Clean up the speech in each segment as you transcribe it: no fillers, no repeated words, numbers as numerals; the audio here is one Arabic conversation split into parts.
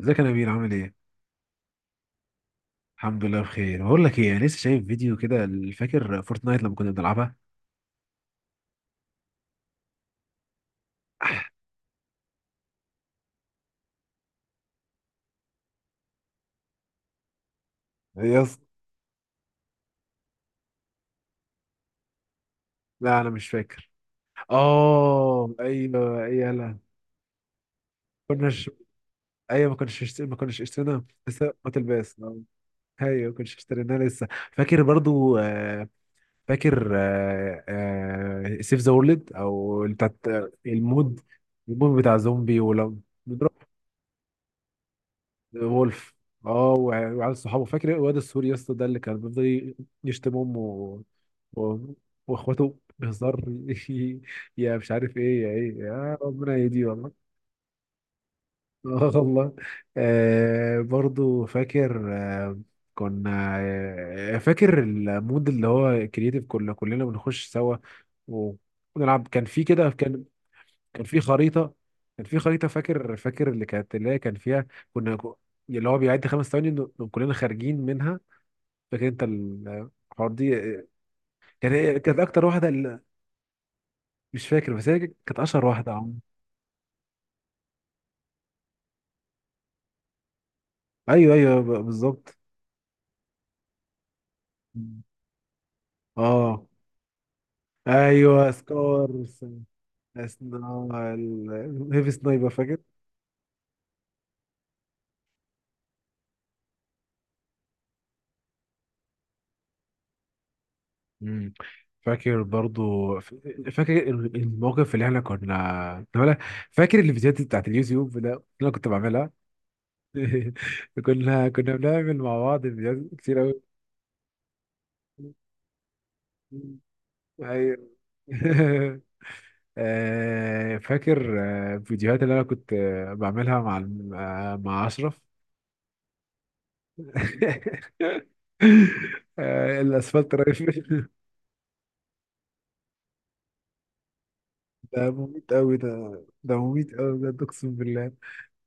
ازيك يا نبيل؟ عامل ايه؟ الحمد لله بخير. بقول لك ايه، انا لسه شايف فيديو كده. فاكر فورتنايت لما كنا بنلعبها؟ إيه يا اسطى؟ لا انا مش فاكر. اه ايوه ايوه لا كناش. ايوه ما كناش اشترينا لسه ما تلبس ايوه ما كناش اشتريناها لسه، فاكر برضو فاكر سيف ذا وورلد او بتاعت المود. المود بتاع زومبي. وولف. اه وعيال صحابه، فاكر الواد السوري يا اسطى ده اللي كان بيفضل يشتم امه و واخواته بهزار. يا مش عارف ايه يا ايه، يا ربنا يهديه والله. اه والله. آه برضو فاكر. آه كنا آه فاكر المود اللي هو كرييتيف، كنا كلنا بنخش سوا ونلعب. كان في كده، كان في خريطه كان في خريطه. فاكر؟ فاكر اللي كانت، اللي هي كان فيها، كنا اللي هو بيعد خمس ثواني إنه كلنا خارجين منها. فاكر انت الحوار دي؟ كان هي كانت اكتر واحده اللي، مش فاكر، بس هي كانت اشهر واحده ايوه ايوه بالظبط. اه ايوه سكار، هيفي سنايبر فاكر. مم. فاكر برضو فاكر الموقف اللي احنا كنا كنا- فاكر الفيديوهات بتاعت اليوتيوب ده اللي انا كنت بعملها. كنا بنعمل مع بعض فيديوهات كتير أوي. أيوة. فاكر الفيديوهات اللي أنا كنت بعملها مع مع أشرف. الأسفلت رايفل. ده مميت أوي ده. ده مميت أوي بجد، أقسم بالله.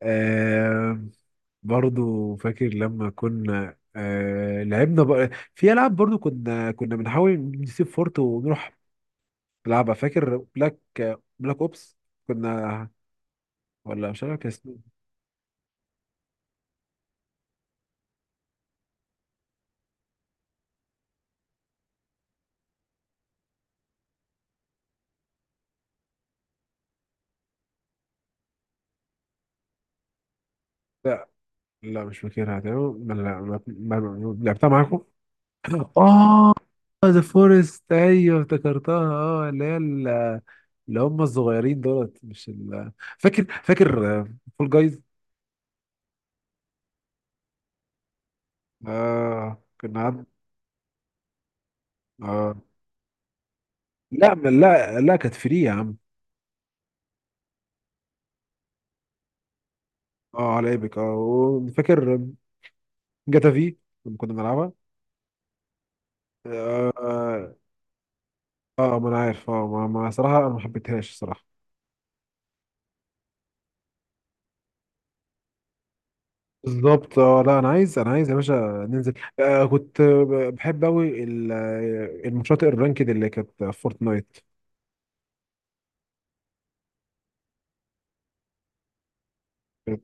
آه، برضو فاكر لما كنا لعبنا بقى في ألعاب برضو، كنا بنحاول نسيب فورت ونروح لعبة. فاكر بلاك؟ بلاك اوبس. كنا ولا مش عارف اسمه إيه. لا لا مش فاكرها تمام. ما- لا ما- ما- ما- لعبتها معاكم. اه. ذا فورست ايوه افتكرتها، اه اللي هي اللي هم الصغيرين دولت، مش ال... فاكر فاكر فول جايز. اه كنا عم... اه لا لا كانت فري يا عم. اه على ايبك. اه وفاكر جاتا في لما كنا بنلعبها. آه. اه ما انا عارف. اه ما ما صراحه أنا ما حبيتهاش صراحه. بالظبط. اه لا انا عايز يا باشا ننزل. آه كنت بحب قوي الماتشات الرانكد اللي كانت في فورتنايت. كانت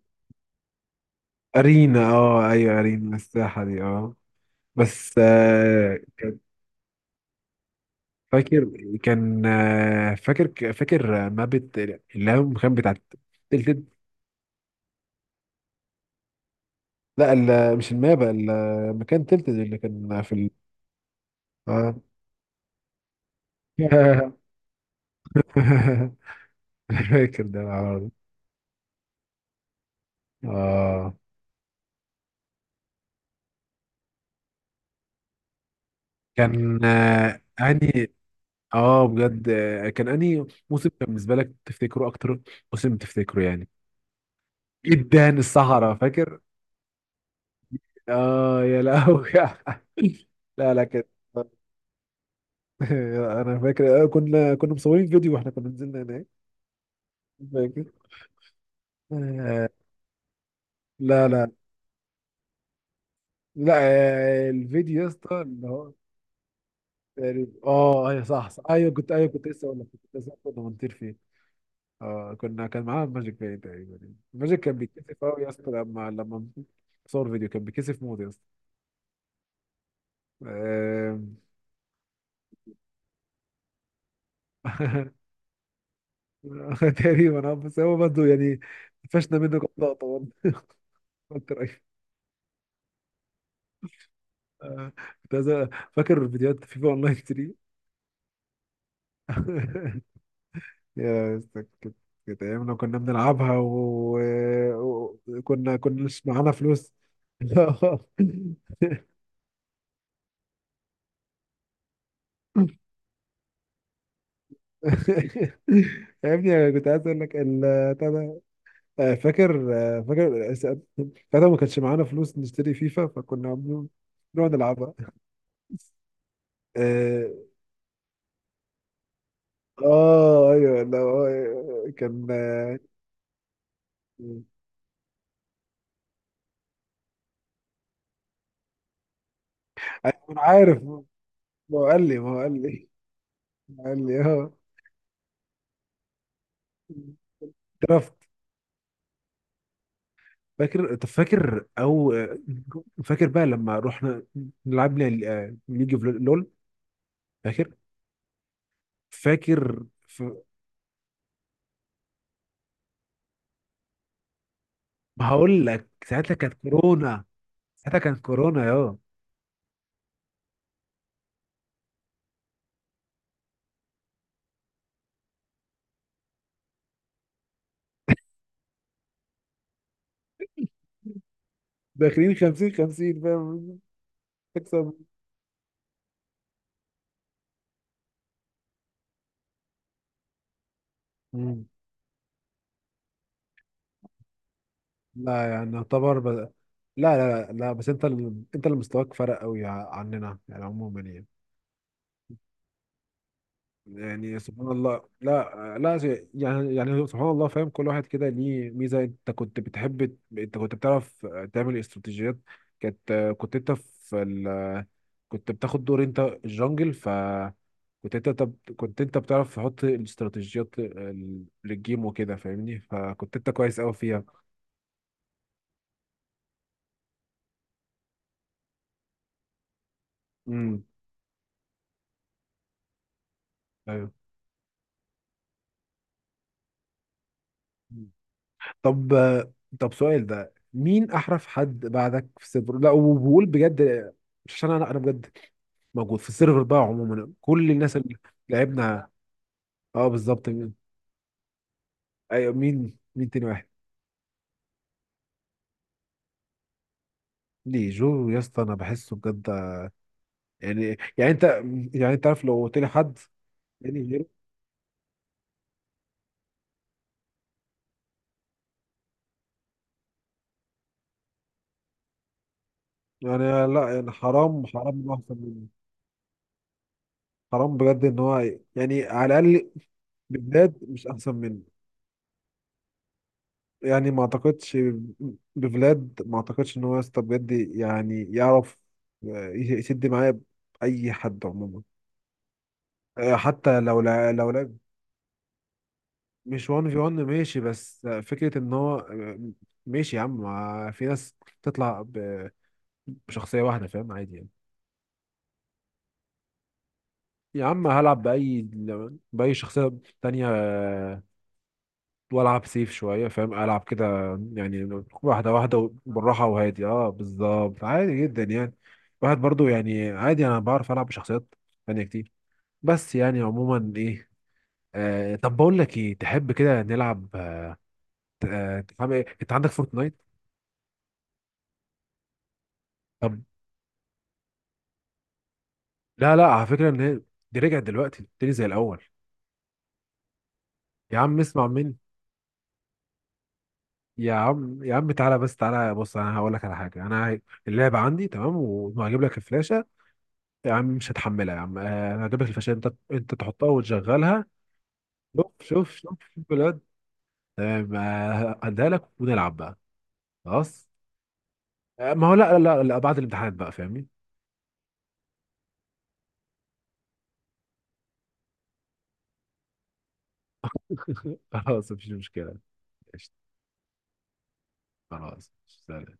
ارينا. اه ايوه ارينا الساحه دي اه. بس فاكر كان فاكر مابة اللي هي المكان بتاع تلتد. لا مش المابة، المكان تلتد اللي كان في اه. فاكر ده العرض. اه كان آه، انهي اه بجد كان انهي موسم كان بالنسبه لك تفتكره اكتر؟ موسم تفتكره يعني. ادان الصحراء فاكر؟ اه يا لهوي. لا لا كان، انا فاكر كنا مصورين فيديو واحنا كنا نزلنا هناك. فاكر؟ آه، لا لا لا. الفيديو يا اسطى اللي هو، تقريبا اه ايوه صح صح. ايوه كنت لسه اقول لك، كنت لسه أقول لك كنا بنطير فيه. اه كنا كان معاها ماجيك باي تقريبا. ماجيك كان بيتكسف قوي يا اسطى لما صور فيديو كان بيتكسف موت يا اسطى. آم، تقريبا. اه بس هو برضه يعني فشنا منه كم لقطه برضه. كنت رايح. آه، فاكر فيديوهات فيفا اونلاين 3. يا اسطى كانت ايامنا كنا بنلعبها وكنا كنا كناش معانا فلوس. لا. يا ابني انا كنت عايز اقول لك ال... آه، فاكر آه، فاكر فاكر ما كانش معانا فلوس نشتري فيفا فكنا بنقعد نلعبها. اه ايوه لا آه، كان آه، أيوة، انا عارف. هو قال لي ما هو قال لي ما هو قال لي اه درافت. فاكر؟ طب فاكر او آه، فاكر بقى لما رحنا لعبنا ليج اوف لول. فاكر؟ فاكر ف... هقول لك ساعتها كانت كورونا. ساعتها كانت كورونا يا داخلين 50 50 فاهم تكسب. مم. لا يعني يعتبر ب... لا لا لا لا، بس انت اللي مستواك فرق قوي عننا يعني عموما يعني. يعني سبحان الله لا لا شيء- يعني يعني سبحان الله، فاهم كل واحد كده ليه ميزة. انت كنت بتعرف تعمل استراتيجيات. كانت كنت انت في ال... كنت بتاخد دور انت الجنجل، ف كنت انت طب كنت انت بتعرف تحط الاستراتيجيات للجيم وكده فاهمني، فكنت انت كويس قوي فيها. امم ايوه. طب طب سؤال، ده مين احرف حد بعدك في السيرفر؟ لا وبقول بجد، مش عشان انا، انا بجد موجود في السيرفر بقى، عموما كل الناس اللي لعبنا اه بالظبط. مين؟ ايوه مين، مين تاني واحد؟ ليه جو يا اسطى؟ انا بحسه بجد يعني يعني انت يعني انت عارف لو قلت لي حد يعني غيره يعني. لا يعني حرام، حرام انه احسن مني. حرام بجد ان هو، يعني على الاقل بجد مش احسن مني، يعني ما اعتقدش. ما اعتقدش ان هو يا اسطى بجد يعني يعرف يسد معايا اي حد عموما، آه، حتى لو لا لو لا مش 1 في 1 ماشي، بس آه، فكرة ان هو آه، ماشي يا عم. ما في ناس تطلع بشخصية واحدة فاهم عادي يعني. يا عم هلعب بأي شخصية تانية والعب سيف شويه، فاهم؟ العب كده يعني، واحده واحده بالراحه وهادي، اه بالظبط، عادي جدا يعني. واحد برضو يعني عادي، انا بعرف العب بشخصيات تانية كتير، بس يعني عموما ايه. آه طب بقول لك ايه، تحب كده نلعب؟ عامل إيه؟ انت عندك فورتنايت؟ طب لا لا على فكره ان هي دي رجعت دلوقتي تاني زي الاول. يا عم اسمع مني. يا عم تعالى بس، تعالى بص انا هقول لك على حاجه. انا اللعبه عندي تمام، وهجيب لك الفلاشه. يا عم مش هتحملها يا عم، انا هجيب لك الفشار، انت انت تحطها وتشغلها. شوف شوف بجد تمام، هديها لك ونلعب بقى. خلاص ما هو لا، بعد الامتحان بقى فاهمني. خلاص مفيش مشكلة. قشطة. خلاص سلام